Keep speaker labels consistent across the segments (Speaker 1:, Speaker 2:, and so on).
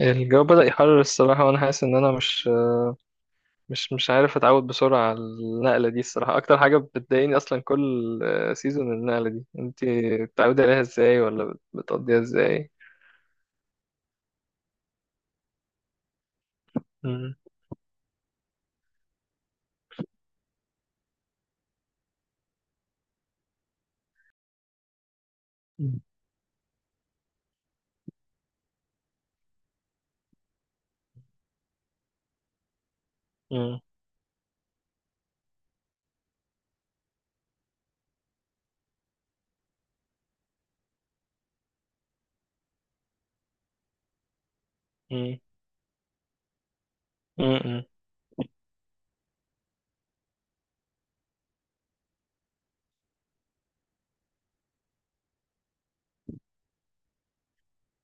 Speaker 1: الجو بدأ يحرر الصراحة وأنا حاسس إن أنا مش عارف أتعود بسرعة على النقلة دي. الصراحة أكتر حاجة بتضايقني أصلا كل سيزون النقلة دي، أنت بتتعودي عليها إزاي ولا بتقضيها إزاي؟ مم. مم. مم. مم. مم.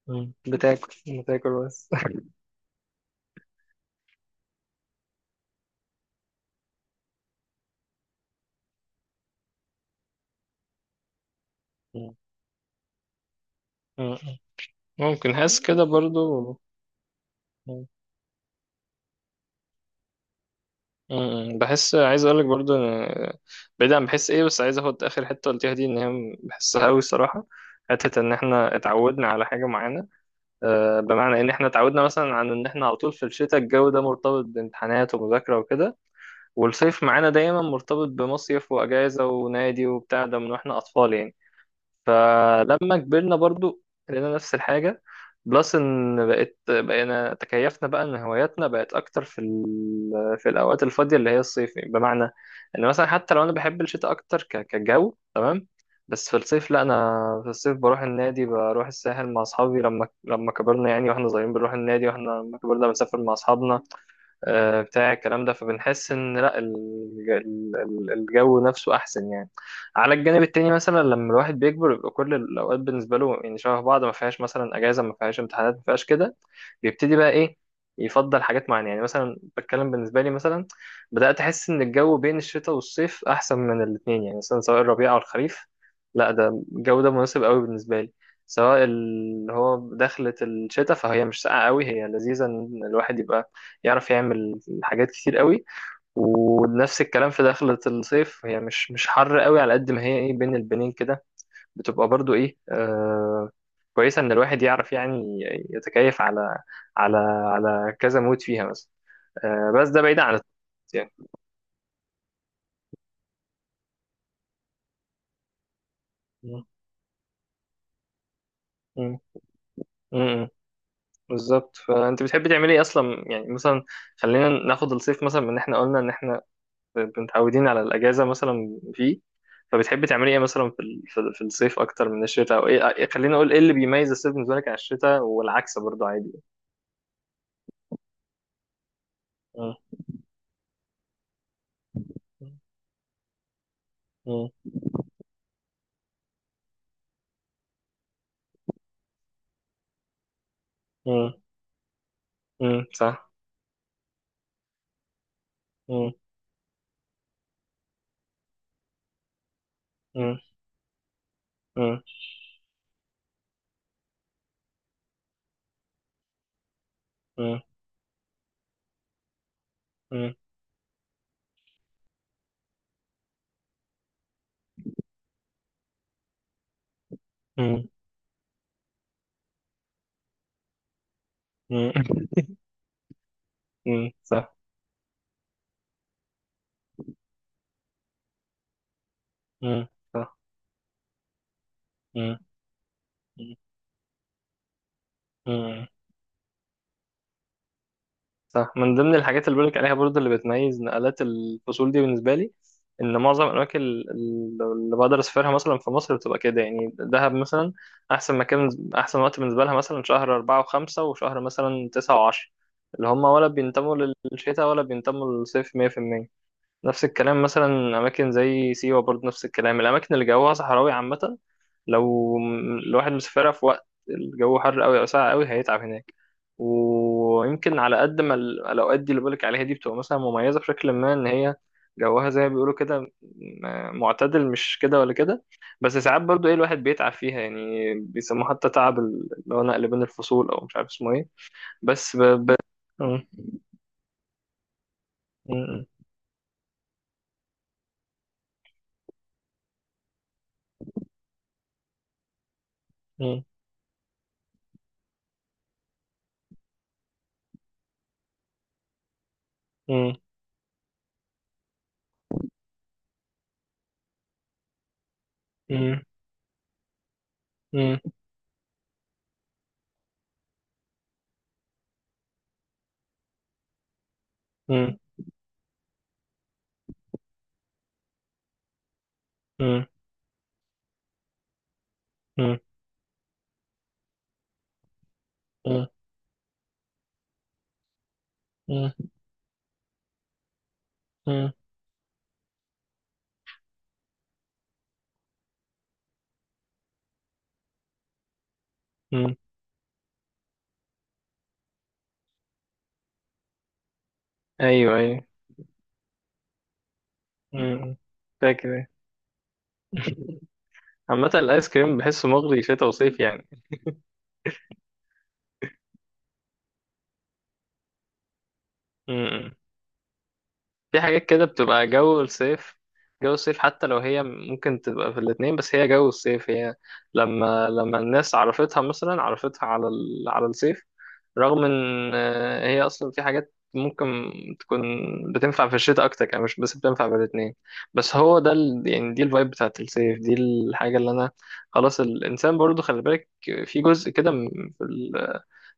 Speaker 1: مم. بتاكل بس. مم. مم. ممكن حاسس كده برضو. مم. مم. بحس عايز أقولك برضو بعيد عن بحس إيه، بس عايز أخد آخر حتة قلتيها دي إن هي بحسها أوي الصراحة، حتة إن إحنا اتعودنا على حاجة معينة. بمعنى ان احنا اتعودنا مثلا عن ان احنا على طول في الشتاء الجو ده مرتبط بامتحانات ومذاكرة وكده، والصيف معانا دايما مرتبط بمصيف واجازة ونادي وبتاع ده من واحنا اطفال يعني. فلما كبرنا برضو لقينا نفس الحاجة. بلس ان بقينا تكيفنا بقى ان هواياتنا بقت اكتر في الاوقات الفاضية اللي هي الصيف، بمعنى ان مثلا حتى لو انا بحب الشتاء اكتر كجو تمام. بس في الصيف لا، انا في الصيف بروح النادي بروح الساحل مع اصحابي لما كبرنا يعني. واحنا صغيرين بنروح النادي، واحنا لما كبرنا بنسافر مع اصحابنا. بتاع الكلام ده، فبنحس ان لا الجو نفسه احسن يعني. على الجانب التاني مثلا، لما الواحد بيكبر بيبقى كل الاوقات بالنسبه له يعني شبه بعض، ما فيهاش مثلا اجازه ما فيهاش امتحانات ما فيهاش كده. بيبتدي بقى ايه يفضل حاجات معينه يعني. مثلا بتكلم بالنسبه لي، مثلا بدات احس ان الجو بين الشتاء والصيف احسن من الاثنين، يعني مثلا سواء الربيع او الخريف، لا ده الجو ده مناسب قوي بالنسبه لي. سواء اللي هو دخلت الشتاء فهي مش ساقعه قوي، هي لذيذه ان الواحد يبقى يعرف يعمل حاجات كتير قوي. ونفس الكلام في دخلة الصيف، هي مش حر قوي، على قد ما هي ايه بين البنين كده بتبقى برضو ايه. كويسة ان الواحد يعرف يعني يتكيف على على كذا مود فيها مثلا. بس ده بعيد عن الطقس يعني. م- م- م- بالظبط. فانت بتحبي تعملي ايه اصلا يعني، مثلا خلينا ناخد الصيف مثلا من ان احنا قلنا ان احنا متعودين على الأجازة مثلا فيه. فبتحبي تعملي إيه مثلا في الصيف أكتر من الشتاء؟ أو خليني أقول إيه اللي بيميز الصيف بالنسبة لك عن الشتاء، والعكس برضه عادي. مم. مم. مم. مم. صح. مم. مم. مم. مم. مم. مم. مم. صح. مم. صح. مم. مم. صح. من ضمن الحاجات اللي بقولك عليها برضه اللي بتميز نقلات الفصول دي بالنسبة لي، إن معظم الأماكن اللي بقدر أسافرها مثلا في مصر بتبقى كده يعني. دهب مثلا، أحسن مكان أحسن وقت بالنسبة لها مثلا شهر 4 وخمسة، وشهر مثلا 9 وعشرة، اللي هما ولا بينتموا للشتاء ولا بينتموا للصيف 100%. نفس الكلام مثلا، أماكن زي سيوة برضه نفس الكلام. الأماكن اللي جوها صحراوي عامة، لو الواحد مسافرها في وقت الجو حر قوي او ساقع قوي هيتعب هناك. ويمكن على قد ما الاوقات دي اللي بقولك عليها دي بتبقى مثلا مميزه بشكل ما ان هي جوها زي ما بيقولوا كده معتدل، مش كده ولا كده. بس ساعات برضو ايه الواحد بيتعب فيها يعني، بيسموه حتى تعب اللي هو نقل بين الفصول، او مش عارف اسمه ايه. بس ب... ب... م- م- م- م- م- م- م- م- م- م- م- م- م- ايوه، ايوه. م- م. فاكر أيوه. عامة الآيس كريم بحسه مغري شتا وصيف يعني. م- م. في حاجات كده بتبقى جو الصيف. جو الصيف حتى لو هي ممكن تبقى في الاتنين، بس هي جو الصيف. هي لما الناس عرفتها مثلا عرفتها على الصيف. رغم ان هي اصلا في حاجات ممكن تكون بتنفع في الشتاء اكتر يعني، مش بس بتنفع في الاتنين. بس هو يعني دي الفايب بتاعت الصيف، دي الحاجة اللي انا. خلاص، الانسان برضو خلي بالك في جزء كده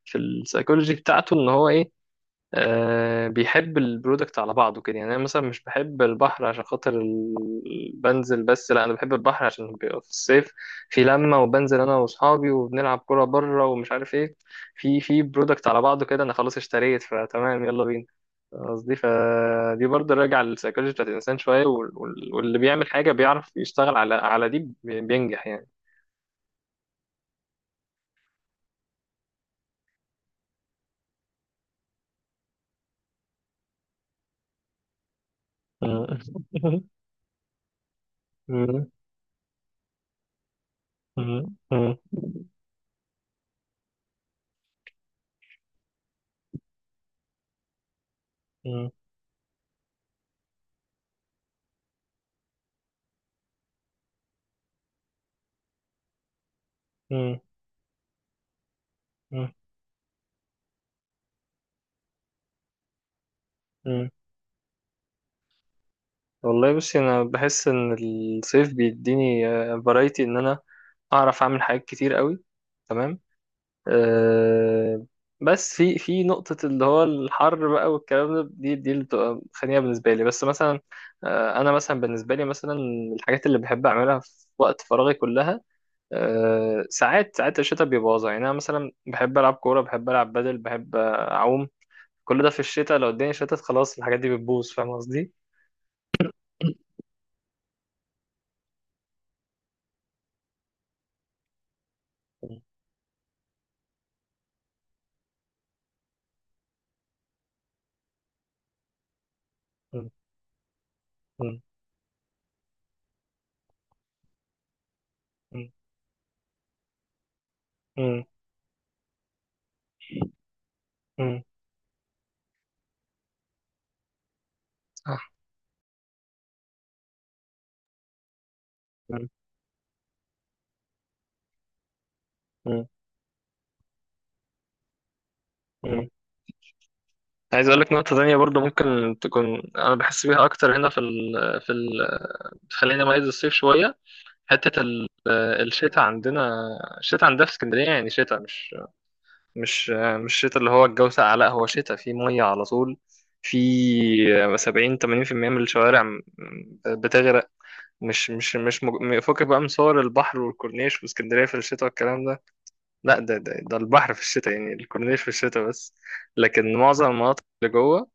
Speaker 1: في السايكولوجي بتاعته ان هو ايه. بيحب البرودكت على بعضه كده. يعني انا مثلا مش بحب البحر عشان خاطر بنزل بس، لا انا بحب البحر عشان بيبقى في الصيف في لمه، وبنزل انا واصحابي وبنلعب كوره بره ومش عارف ايه. في برودكت على بعضه كده، انا خلاص اشتريت فتمام يلا بينا. قصدي فدي برضه راجع للسيكولوجي بتاعت الانسان شويه، واللي بيعمل حاجه بيعرف يشتغل على دي بينجح يعني. مم. مم. مم. مم. مم. مم. والله بصي، انا بحس ان الصيف بيديني فرايتي ان انا اعرف اعمل حاجات كتير قوي تمام. أه، بس في في نقطة اللي هو الحر بقى والكلام ده، دي اللي بتبقى خانية بالنسبة لي، بس مثلا. أه، انا مثلا بالنسبة لي، مثلا الحاجات اللي بحب اعملها في وقت فراغي كلها، أه ساعات الشتاء بيبوظها يعني. انا مثلا بحب العب كورة، بحب العب بدل، بحب اعوم. كل ده في الشتاء، لو الدنيا شتت خلاص الحاجات دي بتبوظ، فاهم قصدي؟ مم. مم. مم. صح. مم. مم. مم. عايز اقول لك نقطة تانية برضو ممكن تكون انا بحس بيها اكتر هنا في ال... خلينا ميز الصيف شوية، حتة ال... الشتاء عندنا. في اسكندرية يعني شتاء مش مش شتاء اللي هو الجو ساقع، لا هو شتاء فيه مية على طول. في 70 80% من الشوارع بتغرق. مش مش مش مج... فكك بقى من صور البحر والكورنيش واسكندرية في الشتاء والكلام ده. لا، ده البحر في الشتاء، يعني الكورنيش في الشتاء بس. لكن معظم المناطق اللي جوه،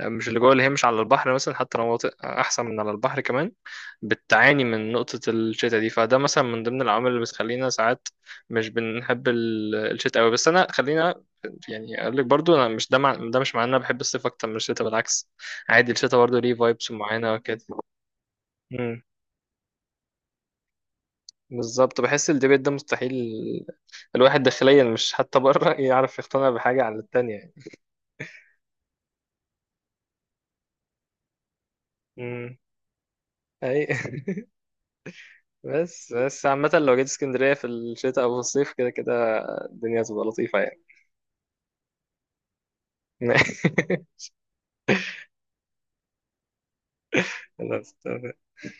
Speaker 1: مش، اللي جوه اللي هي مش على البحر، مثلا حتى لو مناطق احسن من على البحر كمان، بتعاني من نقطة الشتاء دي. فده مثلا من ضمن العوامل اللي بتخلينا ساعات مش بنحب الشتاء قوي. بس انا خلينا يعني اقول لك برضو، انا مش ده مع... ده مش معناه إن انا بحب الصيف اكتر من الشتاء، بالعكس، عادي الشتاء برضو ليه فايبس معينة وكده. مم. بالظبط، بحس الديبيت ده مستحيل الواحد داخليا مش حتى بره يعرف يقتنع بحاجة عن التانية. امم اي. بس عامة لو جيت اسكندرية في الشتاء او في الصيف كده كده الدنيا هتبقى لطيفة يعني. خلاص.